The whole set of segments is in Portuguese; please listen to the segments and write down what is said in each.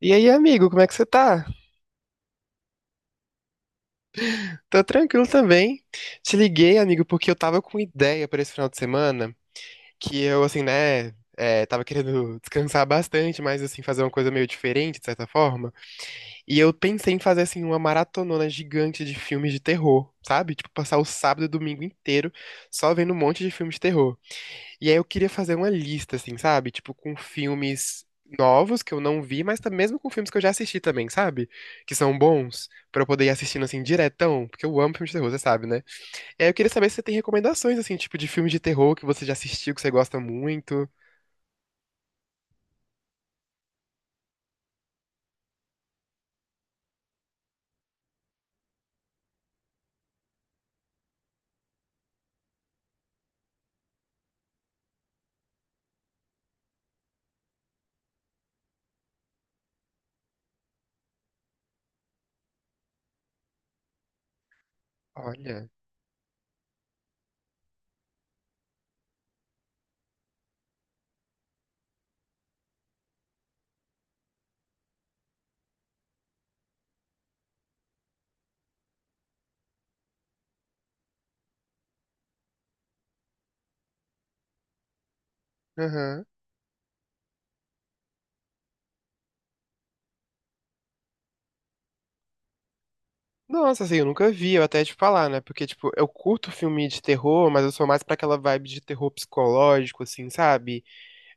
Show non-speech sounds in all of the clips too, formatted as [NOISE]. E aí, amigo, como é que você tá? Tô tranquilo também. Te liguei, amigo, porque eu tava com ideia pra esse final de semana, que eu, assim, né, tava querendo [LAUGHS] descansar bastante, mas, assim, fazer uma coisa meio diferente, de certa forma. E eu pensei em fazer, assim, uma maratonona gigante de filmes de terror, sabe? Tipo, passar o sábado e o domingo inteiro só vendo um monte de filmes de terror. E aí eu queria fazer uma lista, assim, sabe? Tipo, com filmes novos que eu não vi, mas mesmo com filmes que eu já assisti também, sabe? Que são bons, pra eu poder ir assistindo, assim, diretão, porque eu amo filme de terror, você sabe, né? E aí eu queria saber se você tem recomendações, assim, tipo, de filme de terror que você já assistiu, que você gosta muito. Olha, aham. Nossa, assim, eu nunca vi, eu até ia te falar, né? Porque, tipo, eu curto filme de terror, mas eu sou mais pra aquela vibe de terror psicológico, assim, sabe?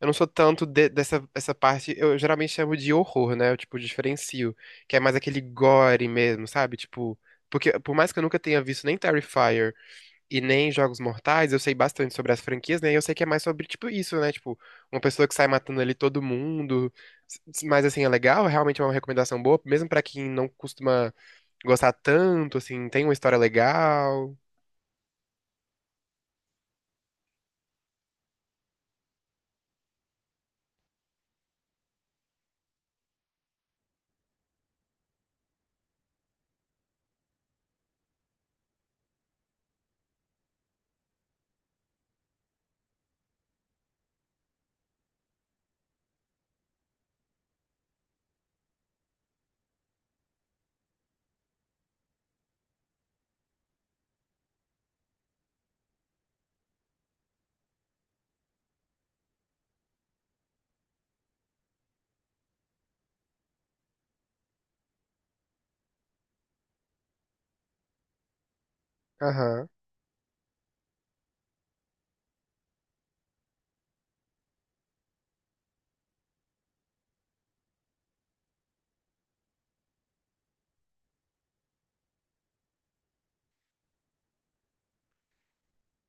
Eu não sou tanto dessa essa parte, eu geralmente chamo de horror, né? Eu, tipo, diferencio, que é mais aquele gore mesmo, sabe? Tipo, porque por mais que eu nunca tenha visto nem Terrifier e nem Jogos Mortais, eu sei bastante sobre as franquias, né? E eu sei que é mais sobre, tipo, isso, né? Tipo, uma pessoa que sai matando ali todo mundo. Mas, assim, é legal, realmente é uma recomendação boa, mesmo pra quem não costuma gostar tanto, assim, tem uma história legal. Aham.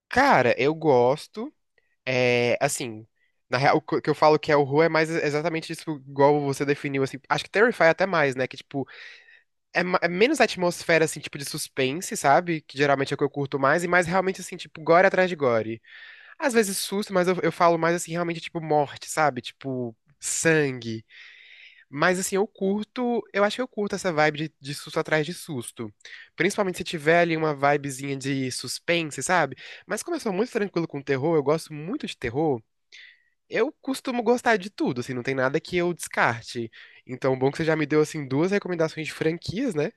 Cara, eu gosto. É, assim, na real, o que que eu falo que é horror é mais exatamente isso, igual você definiu, assim. Acho que Terrify é até mais, né? Que, tipo, é menos atmosfera, assim, tipo, de suspense, sabe? Que geralmente é o que eu curto mais, e mais realmente, assim, tipo, gore atrás de gore. Às vezes susto, mas eu falo mais, assim, realmente, tipo, morte, sabe? Tipo, sangue. Mas, assim, eu curto, eu acho que eu curto essa vibe de susto atrás de susto. Principalmente se tiver ali uma vibezinha de suspense, sabe? Mas como eu sou muito tranquilo com terror, eu gosto muito de terror. Eu costumo gostar de tudo, assim, não tem nada que eu descarte. Então, bom que você já me deu, assim, duas recomendações de franquias, né?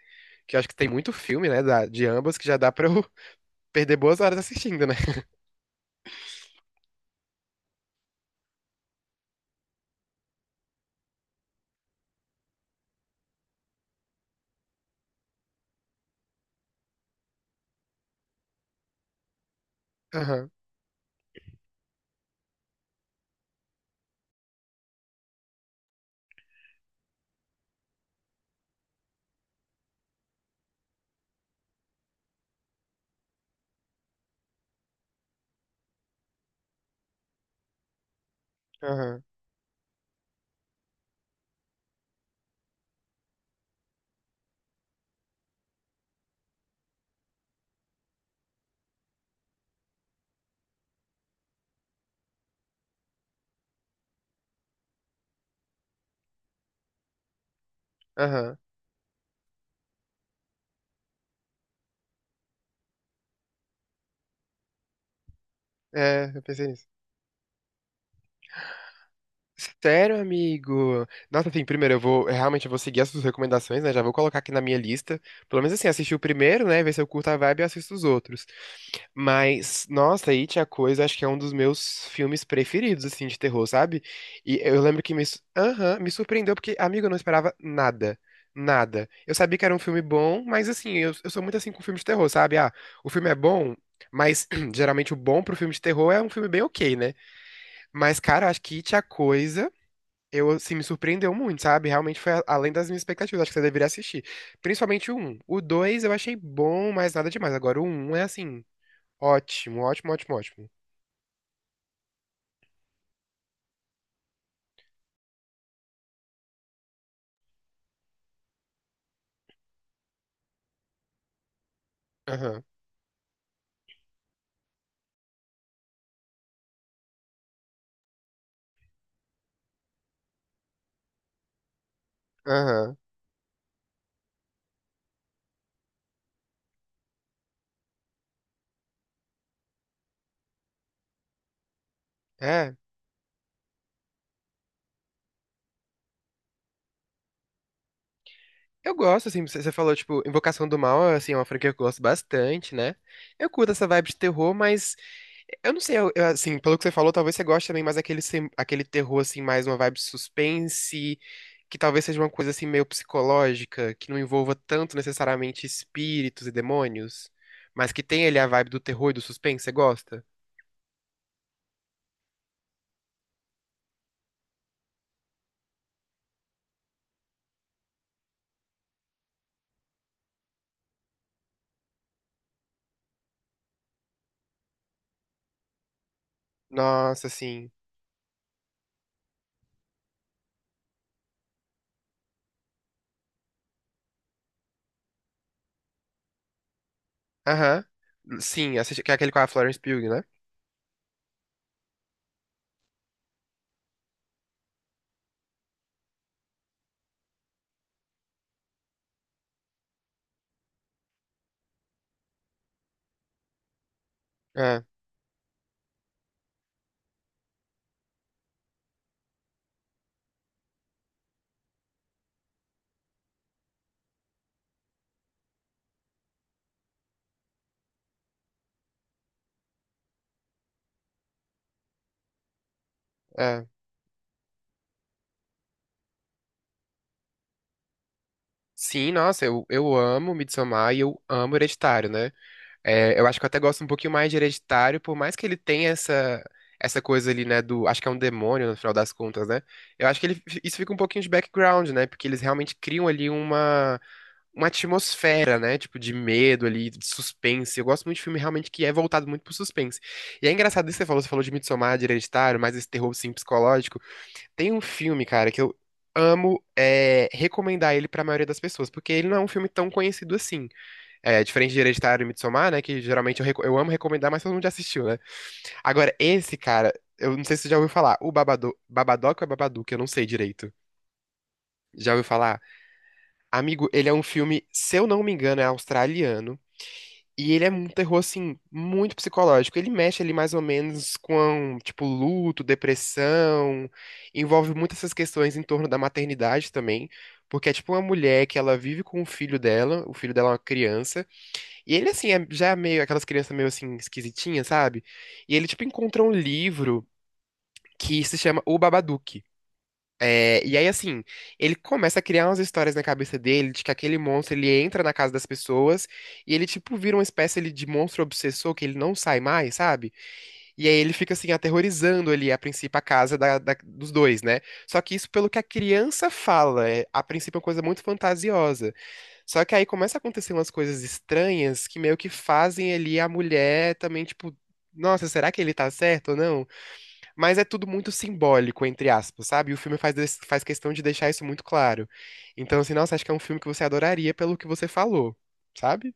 Que eu acho que tem muito filme, né, de ambas, que já dá pra eu [LAUGHS] perder boas horas assistindo, né? Aham, aham, aham. É, eu pensei nisso. Sério, amigo? Nossa, assim, primeiro eu vou, realmente eu vou seguir as suas recomendações, né? Já vou colocar aqui na minha lista. Pelo menos assim, assistir o primeiro, né? Ver se eu curto a vibe e assisto os outros. Mas, nossa, It, a Coisa, acho que é um dos meus filmes preferidos, assim, de terror, sabe? E eu lembro que Aham, me surpreendeu, porque, amigo, eu não esperava nada. Nada. Eu sabia que era um filme bom, mas assim, eu sou muito assim com filme de terror, sabe? Ah, o filme é bom, mas [CLEARS THROAT] geralmente o bom pro filme de terror é um filme bem ok, né? Mas, cara, acho que It, a Coisa. Eu, assim, me surpreendeu muito, sabe? Realmente foi além das minhas expectativas. Acho que você deveria assistir. Principalmente o 1. O 2 eu achei bom, mas nada demais. Agora o 1 é, assim, ótimo, ótimo, ótimo, ótimo. Aham, aham. É. Eu gosto, assim, você falou, tipo, Invocação do Mal, assim, é uma franquia que eu gosto bastante, né? Eu curto essa vibe de terror, mas eu não sei, assim, pelo que você falou, talvez você goste também mais aquele, aquele terror, assim, mais uma vibe suspense, que talvez seja uma coisa, assim, meio psicológica, que não envolva tanto necessariamente espíritos e demônios, mas que tem ali a vibe do terror e do suspense, você gosta? Nossa, sim. Aham. Sim, assisti- que é aquele com a Florence Pugh, né? É, é. Sim, nossa, eu amo Midsommar e eu amo Hereditário, né? É, eu acho que eu até gosto um pouquinho mais de Hereditário, por mais que ele tenha essa, essa coisa ali, né, do, acho que é um demônio no final das contas, né? Eu acho que ele, isso fica um pouquinho de background, né? Porque eles realmente criam ali uma atmosfera, né? Tipo, de medo ali, de suspense. Eu gosto muito de filme realmente que é voltado muito pro suspense. E é engraçado isso que você falou de Midsommar, de Hereditário, mas esse terror, assim, psicológico. Tem um filme, cara, que eu amo é, recomendar ele pra maioria das pessoas, porque ele não é um filme tão conhecido assim. É, diferente de Hereditário e Midsommar, né? Que geralmente eu, eu amo recomendar, mas todo mundo já assistiu, né? Agora, esse cara, eu não sei se você já ouviu falar, o Babadook ou é Babadook, eu não sei direito. Já ouviu falar? Amigo, ele é um filme, se eu não me engano, é australiano. E ele é um terror, assim, muito psicológico. Ele mexe ali mais ou menos com, tipo, luto, depressão. Envolve muitas essas questões em torno da maternidade também. Porque é tipo uma mulher que ela vive com o filho dela é uma criança. E ele, assim, é já meio aquelas crianças meio assim, esquisitinhas, sabe? E ele, tipo, encontra um livro que se chama O Babadook. É, e aí, assim, ele começa a criar umas histórias na cabeça dele de que aquele monstro ele entra na casa das pessoas e ele, tipo, vira uma espécie ali, de monstro obsessor que ele não sai mais, sabe? E aí ele fica, assim, aterrorizando ali, a princípio, a casa dos dois, né? Só que isso, pelo que a criança fala, é, a princípio é uma coisa muito fantasiosa. Só que aí começa a acontecer umas coisas estranhas que meio que fazem ali a mulher também, tipo, nossa, será que ele tá certo ou não? Mas é tudo muito simbólico, entre aspas, sabe? E o filme faz, faz questão de deixar isso muito claro. Então, assim, nossa, acho que é um filme que você adoraria pelo que você falou, sabe?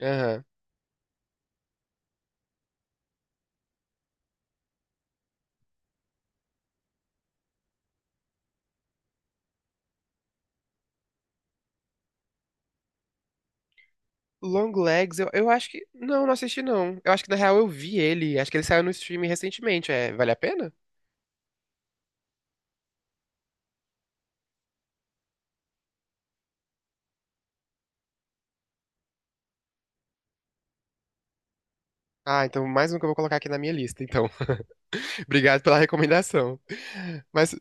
Aham. Long Legs, eu acho que. Não, não assisti, não. Eu acho que na real eu vi ele. Acho que ele saiu no streaming recentemente. É, vale a pena? Ah, então mais um que eu vou colocar aqui na minha lista, então. [LAUGHS] Obrigado pela recomendação. Mas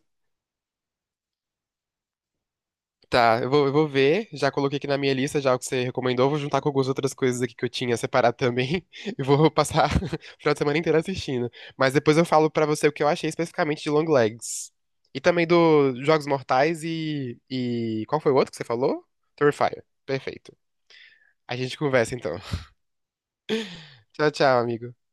tá, eu vou ver. Já coloquei aqui na minha lista já o que você recomendou. Vou juntar com algumas outras coisas aqui que eu tinha separado também. [LAUGHS] E vou passar [LAUGHS] o final de semana inteiro assistindo. Mas depois eu falo pra você o que eu achei especificamente de Long Legs. E também do Jogos Mortais e... Qual foi o outro que você falou? Terrifier. Perfeito. A gente conversa então. [LAUGHS] Tchau, tchau, amigo.